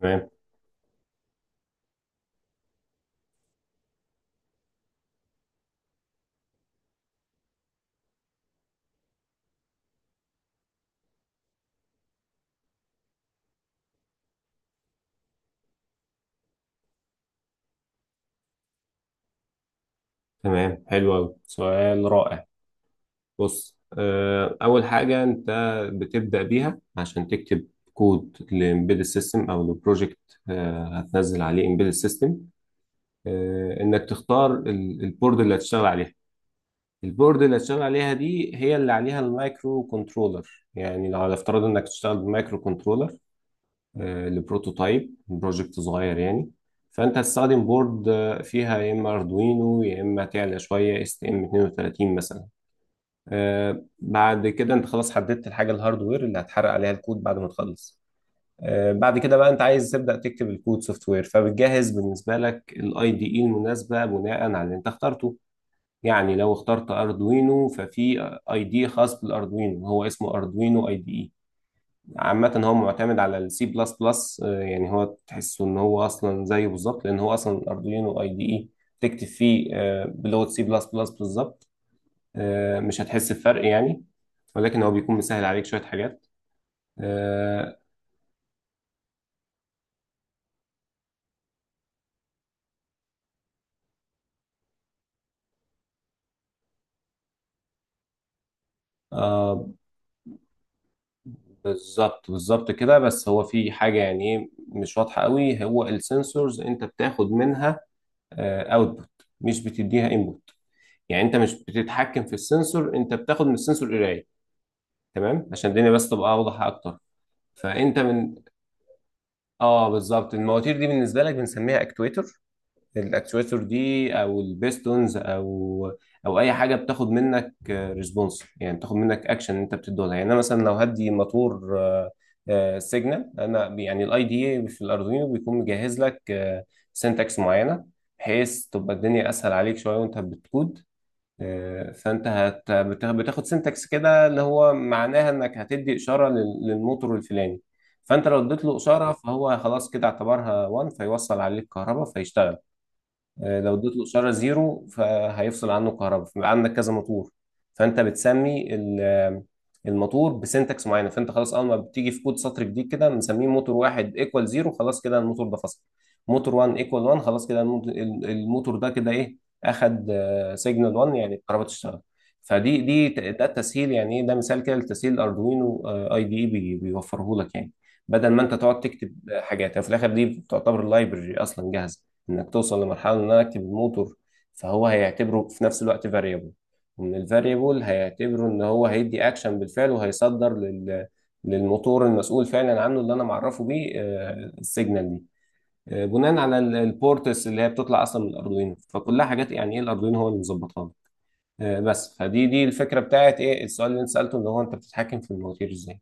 تمام، تمام. حلو أوي، سؤال رائع. بص، أول حاجة أنت بتبدأ بيها عشان تكتب كود لإمبيدد سيستم أو لبروجكت هتنزل عليه إمبيدد سيستم، إنك تختار البورد اللي هتشتغل عليها. البورد اللي هتشتغل عليها دي هي اللي عليها المايكرو كنترولر، يعني لو على افتراض إنك تشتغل بمايكرو كنترولر لبروتوتايب بروجكت صغير يعني. فانت هتستخدم بورد فيها يا اما اردوينو يا اما تعلى شويه اس تي ام 32 مثلا. بعد كده انت خلاص حددت الحاجه الهاردوير اللي هتحرق عليها الكود بعد ما تخلص. بعد كده بقى انت عايز تبدا تكتب الكود سوفت وير، فبتجهز بالنسبه لك الاي دي اي المناسبه بناء على اللي انت اخترته. يعني لو اخترت اردوينو ففي اي دي خاص بالاردوينو، هو اسمه اردوينو اي دي اي. عامة هو معتمد على السي بلس بلس، يعني هو تحسه ان هو اصلا زيه بالظبط لان هو اصلا اردوينو اي دي اي. تكتب فيه بلغة سي بلس بلس بالظبط. مش هتحس بفرق يعني، ولكن هو بيكون مسهل عليك شوية حاجات. آه، آه، بالظبط بالظبط كده. بس هو في حاجة يعني إيه مش واضحة قوي. هو السنسورز انت بتاخد منها اوتبوت، مش بتديها انبوت. يعني انت مش بتتحكم في السنسور، انت بتاخد من السنسور قراية. تمام، عشان الدنيا بس تبقى اوضح اكتر. فانت من اه، بالظبط. المواتير دي بالنسبه لك بنسميها اكتويتر. الاكتويتر دي او البيستونز او اي حاجه بتاخد منك ريسبونس، يعني بتاخد منك اكشن انت بتديه لها. يعني انا مثلا لو هدي موتور سيجنال، انا يعني الاي دي اي في الاردوينو بيكون مجهز لك سنتكس معينه بحيث تبقى الدنيا اسهل عليك شويه وانت بتكود. فانت بتاخد سنتكس كده اللي هو معناها انك هتدي اشاره للموتور الفلاني. فانت لو اديت له اشاره فهو خلاص كده اعتبرها 1 فيوصل عليه الكهرباء فيشتغل. لو اديت له اشاره زيرو فهيفصل عنه الكهرباء. فبيبقى عندك كذا موتور، فانت بتسمي الموتور بسنتكس معينه. فانت خلاص اول ما بتيجي في كود سطر جديد كده بنسميه موتور واحد ايكوال زيرو، خلاص كده الموتور ده فصل. موتور 1 ايكوال 1، خلاص كده الموتور ده كده ايه اخد سيجنال 1 يعني الكهرباء تشتغل. ده التسهيل. يعني ايه ده؟ مثال كده لتسهيل اردوينو اي دي اي بيوفره لك يعني. بدل ما انت تقعد تكتب حاجات يعني في الاخر دي بتعتبر لايبرري اصلا جاهزه، انك توصل لمرحله ان انا اكتب الموتور فهو هيعتبره في نفس الوقت فاريبل. ان الفاريبل هيعتبره ان هو هيدي اكشن بالفعل، وهيصدر للموتور المسؤول فعلا عنه اللي انا معرفه بيه السيجنال دي. بناء على البورتس اللي هي بتطلع اصلا من الاردوينو، فكلها حاجات يعني ايه الاردوينو هو اللي مظبطها لي. بس فدي الفكره بتاعت ايه السؤال اللي انت سالته، اللي هو انت بتتحكم في المواتير ازاي.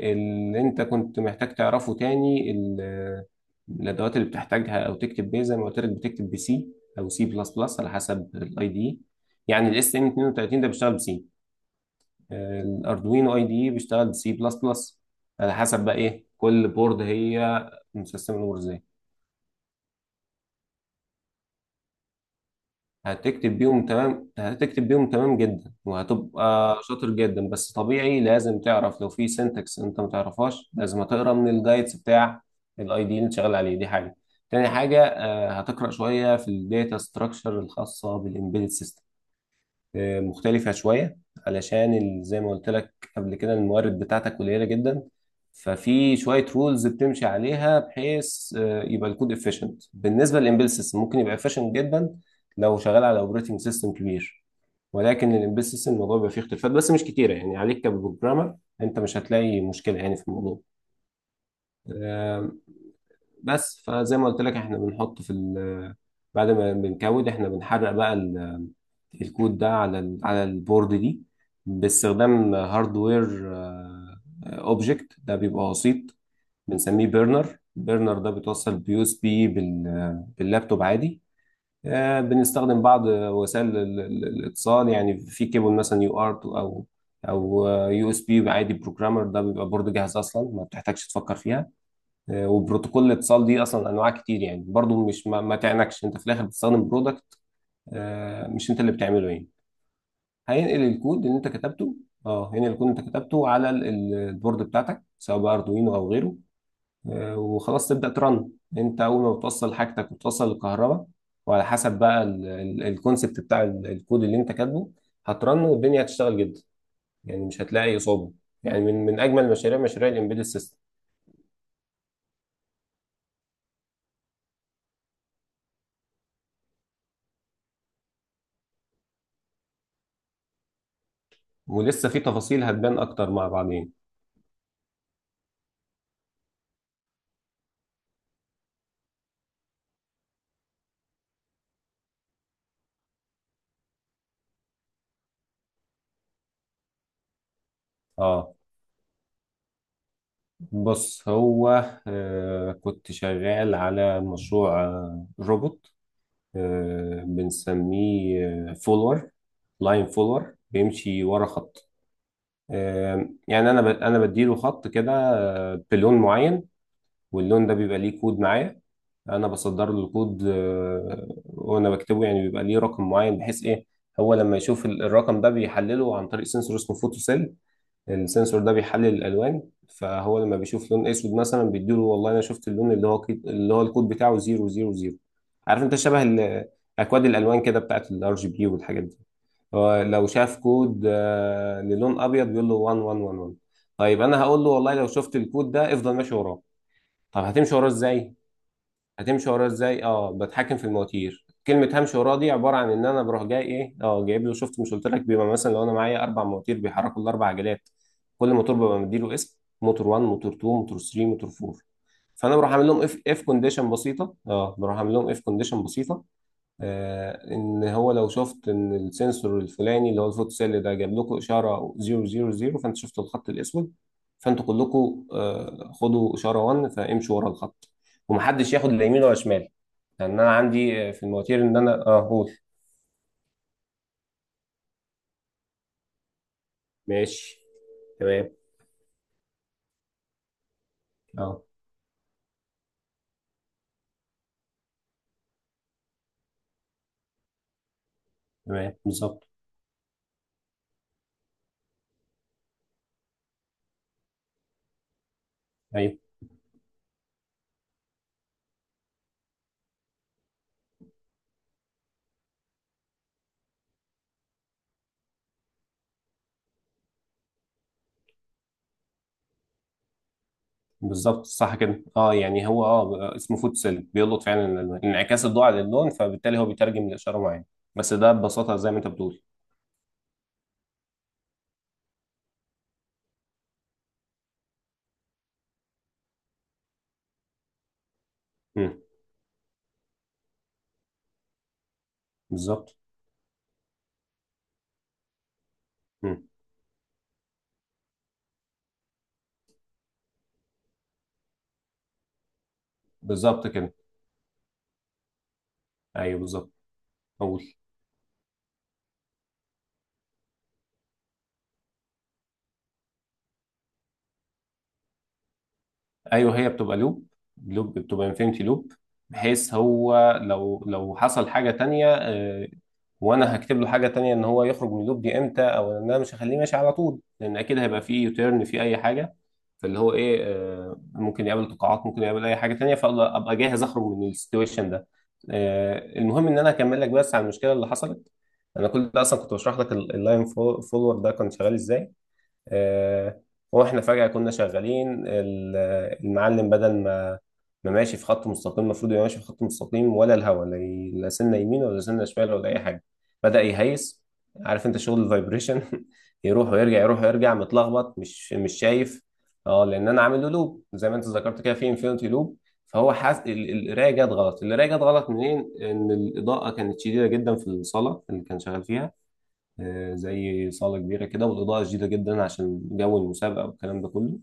اللي انت كنت محتاج تعرفه تاني الادوات اللي بتحتاجها او تكتب بيه. زي ما قلت لك بتكتب بسي او سي بلس بلس على حسب الاي دي. يعني الاس ام 32 ده بيشتغل بسي، الاردوينو اي دي بيشتغل بسي بلس بلس. على حسب بقى ايه كل بورد هي مسيستم الامور ازاي. هتكتب بيهم تمام، هتكتب بيهم تمام جدا وهتبقى شاطر جدا. بس طبيعي لازم تعرف لو في سنتكس انت ما تعرفهاش لازم تقرا من الجايدز بتاع الاي دي اللي انت شغال عليه، دي حاجه. تاني حاجه هتقرا شويه في الداتا ستراكشر الخاصه بالامبيدد سيستم، مختلفة شوية. علشان زي ما قلت لك قبل كده الموارد بتاعتك قليلة جدا. ففي شوية رولز بتمشي عليها بحيث يبقى الكود efficient بالنسبة للإمبيل سيستم. ممكن يبقى efficient جدا لو شغال على اوبريتنج سيستم كبير، ولكن الإمبيل سيستم الموضوع بيبقى فيه اختلافات بس مش كتيرة يعني عليك كبروجرامر. أنت مش هتلاقي مشكلة يعني في الموضوع. بس فزي ما قلت لك احنا بنحط في ال بعد ما بنكود احنا بنحرق بقى الكود ده على البورد دي باستخدام هاردوير اوبجكت. ده بيبقى وسيط بنسميه بيرنر. بيرنر ده بيتوصل بيو اس بي باللابتوب عادي. بنستخدم بعض وسائل الاتصال يعني في كيبل مثلا يو ارت او يو اس بي عادي. بروجرامر ده بيبقى بورد جاهز اصلا ما بتحتاجش تفكر فيها. وبروتوكول الاتصال دي اصلا انواع كتير، يعني برضو مش ما تعنكش انت في الاخر بتستخدم برودكت. مش انت اللي بتعمله يعني. هينقل الكود اللي انت كتبته. اه هينقل الكود اللي انت كتبته على البورد بتاعتك سواء بقى اردوينو او غيره. وخلاص تبدا ترن. انت اول ما بتوصل حاجتك وتوصل الكهرباء، وعلى حسب بقى الكونسبت بتاع الكود اللي انت كاتبه هترن والدنيا هتشتغل جدا. يعني مش هتلاقي اصابه. يعني من اجمل مشاريع مشاريع الامبيدد سيستم. ولسه في تفاصيل هتبان اكتر مع بعضين. اه بص هو كنت شغال على مشروع روبوت بنسميه فولور، لاين فولور بيمشي ورا خط. يعني انا انا بديله خط كده بلون معين، واللون ده بيبقى ليه كود معايا. انا بصدر له الكود وانا بكتبه. يعني بيبقى ليه رقم معين بحيث ايه؟ هو لما يشوف الرقم ده بيحلله عن طريق سنسور اسمه فوتو سيل. السنسور ده بيحلل الالوان. فهو لما بيشوف لون اسود مثلا بيديله والله انا شفت اللون اللي هو اللي هو الكود بتاعه 000. عارف انت شبه اكواد الالوان كده بتاعت الار جي بي والحاجات دي. هو لو شاف كود للون ابيض بيقول له 1111. طيب انا هقول له والله لو شفت الكود ده افضل ماشي وراه. طب هتمشي وراه ازاي؟ هتمشي وراه ازاي؟ اه بتحكم في المواتير. كلمه همشي وراه دي عباره عن ان انا بروح جاي ايه. اه جايب له شفت مش قلت لك بيبقى مثلا لو انا معايا اربع مواتير بيحركوا الاربع عجلات. كل موتور ببقى مديله اسم موتور 1 موتور 2 موتور 3 موتور 4. فانا بروح عامل لهم اف كونديشن بسيطه اه بروح عامل لهم اف كونديشن بسيطه. ان هو لو شفت ان السنسور الفلاني اللي هو الفوتوسيل ده جاب لكم اشاره 000 فانت شفت الخط الاسود، فانتوا كلكم خدوا اشاره 1 فامشوا ورا الخط. ومحدش ياخد لا يمين ولا شمال، لان انا عندي في المواتير ان انا اه قول ماشي. تمام، اه تمام بالظبط. ايوه بالظبط صح كده. اه يعني هو اه اسمه فوتوسيل بيلقط فعلا الألوان. انعكاس الضوء على اللون فبالتالي هو بيترجم لاشاره معينه. بس ده ببساطه زي ما انت بتقول. مم، بالظبط. مم. بالظبط كده. ايوه بالظبط. قول. ايوه هي بتبقى لوب، لوب بتبقى انفينيتي لوب. بحيث هو لو حصل حاجه تانية وانا هكتب له حاجه تانية ان هو يخرج من اللوب دي امتى. او ان انا مش هخليه ماشي على طول لان اكيد هيبقى فيه يوتيرن فيه اي حاجه. فاللي هو ايه ممكن يقابل تقاعات ممكن يقابل اي حاجه تانية، فابقى جاهز اخرج من السيتويشن ده. المهم ان انا اكمل لك بس على المشكله اللي حصلت. انا كل ده اصلا كنت بشرح لك اللاين فولور ده كان شغال ازاي. آه، واحنا فجأة كنا شغالين المعلم بدل ما ماشي في خط مستقيم المفروض يبقى ماشي في خط مستقيم ولا الهوا، لا لا سنة يمين ولا سنة شمال ولا أي حاجة. بدأ يهيس. عارف أنت شغل الفايبريشن يروح ويرجع، يروح ويرجع، متلخبط مش شايف. اه لأن أنا عامل له لوب زي ما أنت ذكرت كده في انفينيتي لوب. فهو حاس القراية جت غلط، القراية جت غلط منين؟ إن الإضاءة كانت شديدة جدا في الصالة اللي كان شغال فيها. زي صالة كبيرة كده والإضاءة شديدة جدا عشان جو المسابقة والكلام ده كله.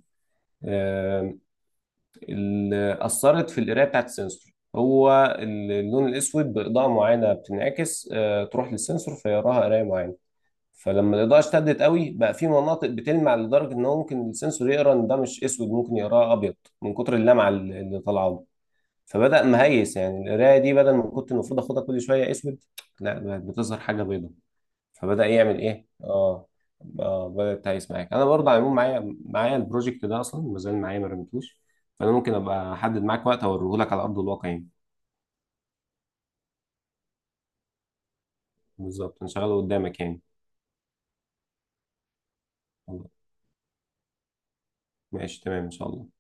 آه، اللي أثرت في القراية بتاعت السنسور هو اللون الأسود بإضاءة معينة بتنعكس تروح للسنسور فيراها قراية معينة. فلما الإضاءة اشتدت قوي بقى في مناطق بتلمع لدرجة إن هو ممكن السنسور يقرأ إن ده مش أسود، ممكن يقراه أبيض من كتر اللمعة اللي طالعة له. فبدأ مهيس يعني. القراية دي بدل ما كنت المفروض آخدها كل شوية أسود، لا بقت بتظهر حاجة بيضاء. فبدأ يعمل ايه. اه اه بدأ يتهيس معاك. انا برضه على العموم معايا البروجكت ده اصلا ما زال معايا ما رميتوش. فانا ممكن ابقى احدد معاك وقت اوريه لك على ارض الواقع يعني. بالظبط انا شغاله قدامك يعني. ماشي تمام ان شاء الله.